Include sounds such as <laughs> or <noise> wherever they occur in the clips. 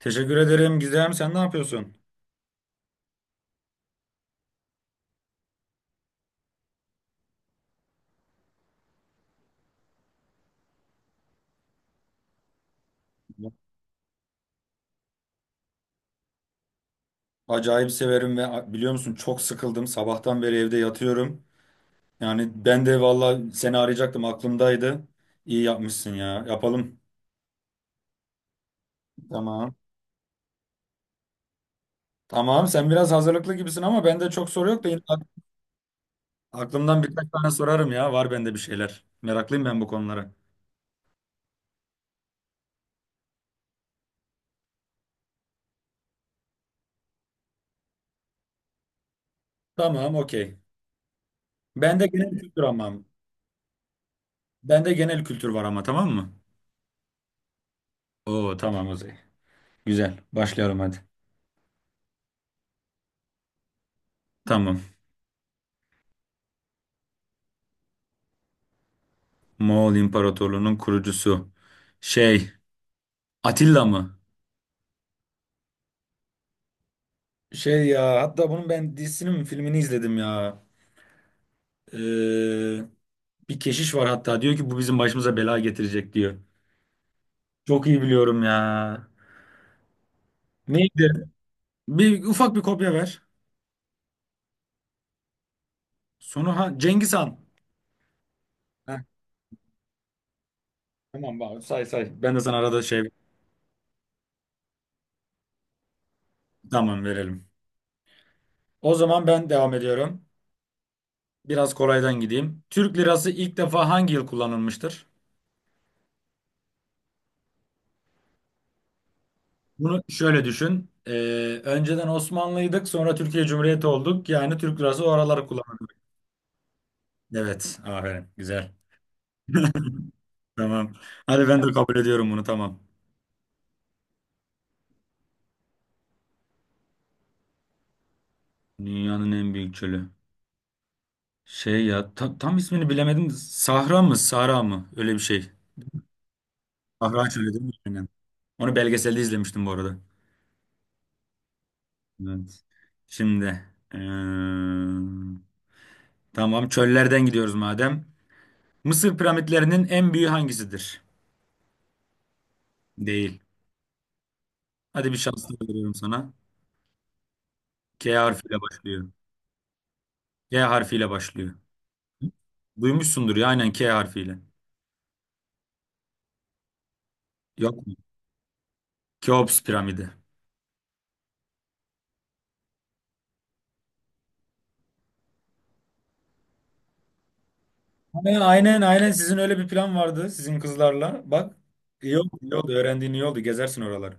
Teşekkür ederim Gizem. Sen ne yapıyorsun? Acayip severim ve biliyor musun çok sıkıldım. Sabahtan beri evde yatıyorum. Yani ben de valla seni arayacaktım, aklımdaydı. İyi yapmışsın ya. Yapalım. Tamam. Tamam, sen biraz hazırlıklı gibisin ama bende çok soru yok da yine aklımdan birkaç tane sorarım ya. Var bende bir şeyler. Meraklıyım ben bu konulara. Tamam, okey. Bende genel kültür ama. Bende genel kültür var ama, tamam mı? Oo, tamam o zaman. Güzel. Başlıyorum hadi. Tamam. Moğol İmparatorluğu'nun kurucusu. Şey, Atilla mı? Şey ya, hatta bunun ben dizisini mi filmini izledim ya. Ee, bir keşiş var hatta, diyor ki bu bizim başımıza bela getirecek diyor. Çok iyi biliyorum ya. Neydi? Ufak bir kopya ver. Sonu ha, Cengiz Han. Heh, tamam abi, say say. Ben de sana arada şey, tamam, verelim. O zaman ben devam ediyorum. Biraz kolaydan gideyim. Türk lirası ilk defa hangi yıl kullanılmıştır? Bunu şöyle düşün. Önceden Osmanlıydık, sonra Türkiye Cumhuriyeti olduk. Yani Türk lirası o araları kullanılıyor. Evet, aferin. Güzel. <laughs> Tamam. Hadi ben de kabul ediyorum bunu, tamam. Dünyanın en büyük çölü. Şey ya, tam ismini bilemedim. Sahra mı, Sahra mı? Öyle bir şey. Sahra çölü değil mi? Aynen. Onu belgeselde izlemiştim bu arada. Evet. Şimdi, eee, tamam, çöllerden gidiyoruz madem. Mısır piramitlerinin en büyüğü hangisidir? Değil. Hadi bir şans daha veriyorum sana. K harfiyle başlıyor. K harfiyle başlıyor. Duymuşsundur ya, aynen, K harfiyle. Yok mu? Keops piramidi. Aynen, aynen, aynen. Sizin öyle bir plan vardı sizin kızlarla. Bak, iyi oldu, iyi oldu. Öğrendiğin iyi oldu. Gezersin oraları.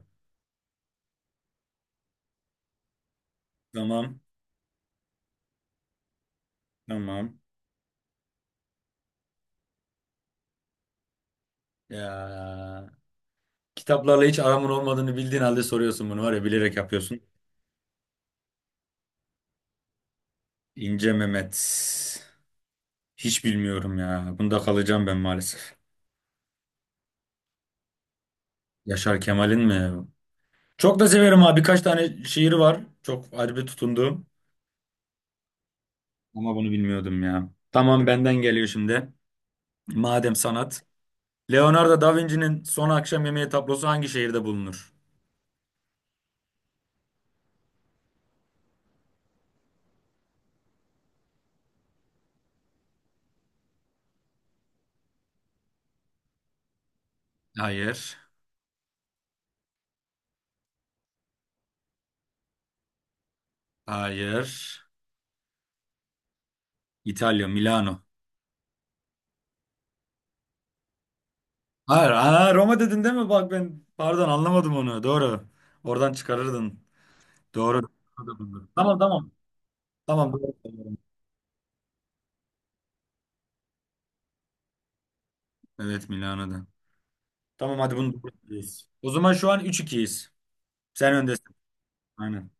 Tamam, tamam. Ya, kitaplarla hiç aramın olmadığını bildiğin halde soruyorsun bunu, var ya, bilerek yapıyorsun. İnce Mehmet. Hiç bilmiyorum ya. Bunda kalacağım ben maalesef. Yaşar Kemal'in mi? Çok da severim abi. Birkaç tane şiiri var. Çok ayrı tutunduğum. Ama bunu bilmiyordum ya. Tamam, benden geliyor şimdi. Madem sanat. Leonardo da Vinci'nin Son Akşam Yemeği tablosu hangi şehirde bulunur? Hayır. Hayır. İtalya, Milano. Hayır. Aa, Roma dedin değil mi? Bak ben pardon anlamadım onu. Doğru. Oradan çıkarırdın. Doğru. Tamam, tamam. Tamam, doğru. Evet, Milano'da. Tamam, hadi bunu doğru söylüyoruz. O zaman şu an 3-2'yiz. Sen öndesin. Aynen.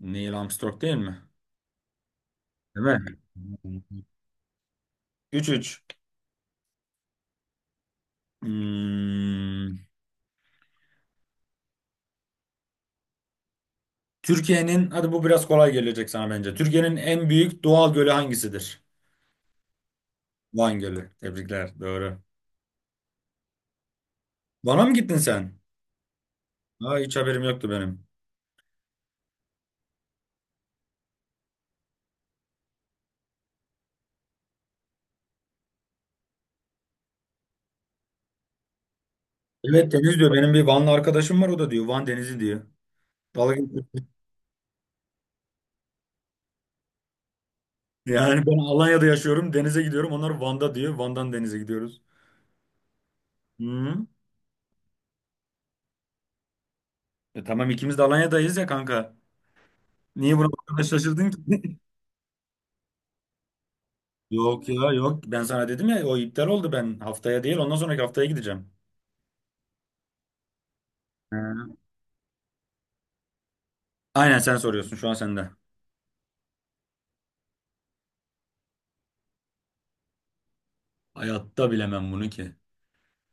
Neil Armstrong değil mi? Değil mi? 3-3. Hmm, Türkiye'nin, hadi bu biraz kolay gelecek sana bence. Türkiye'nin en büyük doğal gölü hangisidir? Van Gölü. Tebrikler. Doğru. Van'a mı gittin sen? Aa, hiç haberim yoktu benim. Evet, Deniz diyor. Benim bir Vanlı arkadaşım var, o da diyor. Van Denizi diyor. Dalga geçiyor. Yani ben Alanya'da yaşıyorum. Denize gidiyorum. Onlar Van'da diyor, Van'dan denize gidiyoruz. Hı. E tamam, ikimiz de Alanya'dayız ya kanka. Niye buna bu kadar şaşırdın ki? <laughs> Yok ya, yok. Ben sana dedim ya, o iptal oldu, ben haftaya değil ondan sonraki haftaya gideceğim. He. Aynen, sen soruyorsun şu an, sende. Hayatta bilemem bunu ki.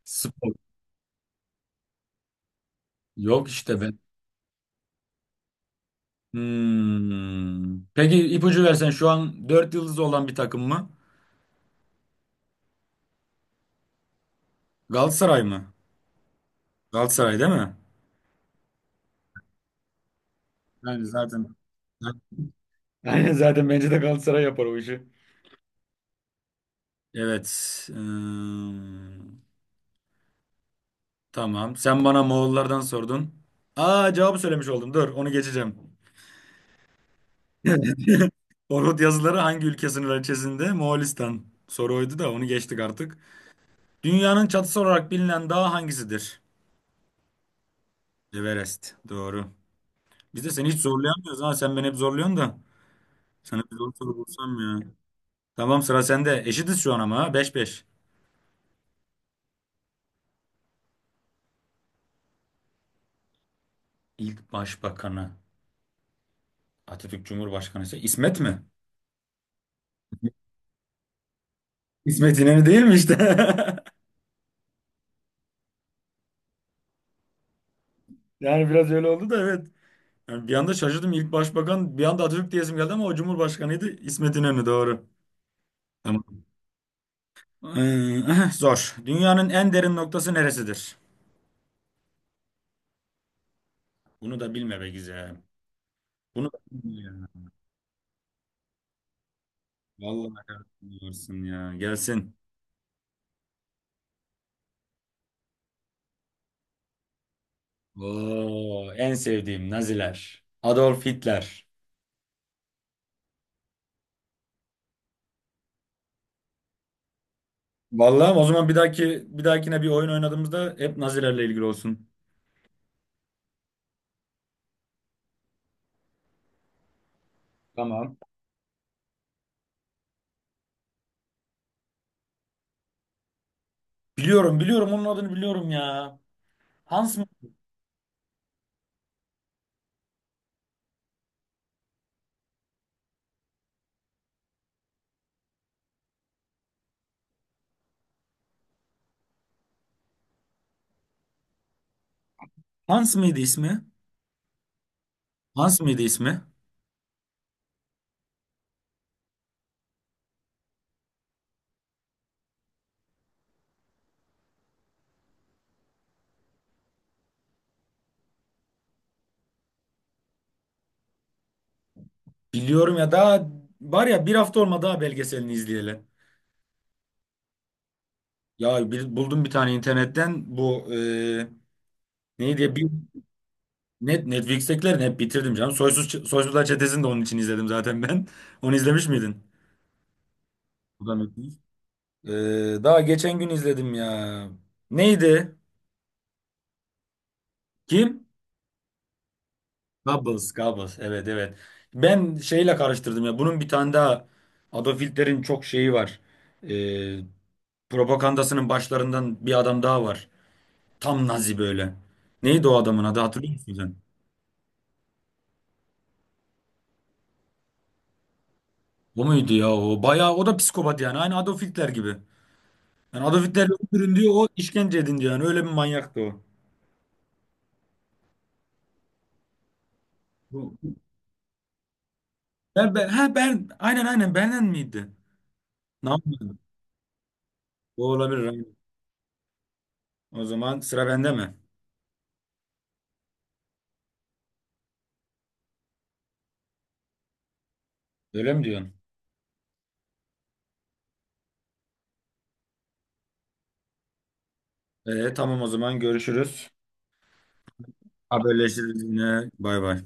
Spor. Yok işte ben. Hmm. Peki, ipucu versen, şu an 4 yıldız olan bir takım mı? Galatasaray mı? Galatasaray değil mi? Yani zaten. <laughs> Aynen, zaten bence de Galatasaray yapar o işi. Evet. ım, tamam. Sen bana Moğollardan sordun. Aa, cevabı söylemiş oldum. Dur, onu geçeceğim. <laughs> Orhut yazıları hangi ülke sınırları içerisinde? Moğolistan. Soru oydu da, onu geçtik artık. Dünyanın çatısı olarak bilinen dağ hangisidir? Everest. Doğru. Biz de seni hiç zorlayamıyoruz ha. Sen beni hep zorluyorsun da. Sana bir zor soru bulsam ya. Tamam, sıra sende. Eşitiz şu an ama ha. 5. İlk başbakanı Atatürk, Cumhurbaşkanı ise İsmet mi? İsmet İnönü değil mi işte? <laughs> Yani biraz öyle oldu da, evet. Yani bir anda şaşırdım. İlk başbakan bir anda Atatürk diyesim geldi ama o Cumhurbaşkanıydı. İsmet İnönü, doğru. Tamam. Ee, <laughs> zor. Dünyanın en derin noktası neresidir? Bunu da bilme be güzel. Bunu da bilme ya. Vallahi yapıyorsun ya. Gelsin. Oo, en sevdiğim Naziler. Adolf Hitler. Vallahi o zaman bir dahaki, bir dahakine, bir oyun oynadığımızda hep Nazilerle ilgili olsun. Tamam. Biliyorum, biliyorum, onun adını biliyorum ya. Hans mı? Hans mıydı ismi? Hans mıydı ismi? Biliyorum ya, daha var ya, bir hafta olmadı daha, belgeselini izleyelim. Buldum bir tane internetten, bu neydi ya, bir net Netflix'tekilerini hep bitirdim canım. Soysuzlar Çetesi'ni de onun için izledim zaten ben. <laughs> Onu izlemiş miydin? Bu da Netflix. E, daha geçen gün izledim ya. Neydi? Kim? Goebbels, Goebbels. Evet, evet. Ben şeyle karıştırdım ya. Bunun bir tane daha Adolf Hitler'in çok şeyi var. E, propagandasının başlarından bir adam daha var. Tam Nazi böyle. Neydi o adamın adı, hatırlıyor musun sen? O muydu ya o? Bayağı o da psikopat yani. Aynı Adolf Hitler gibi. Yani Adolf Hitler öldürün diyor, o işkence edin diyor. Yani öyle bir manyaktı o. Bu- ben, aynen, aynen, benden miydi? Ne yapayım? O olabilir, aynen. O zaman sıra bende mi? Öyle mi diyorsun? Tamam o zaman, görüşürüz. Haberleşiriz yine. Bay bay.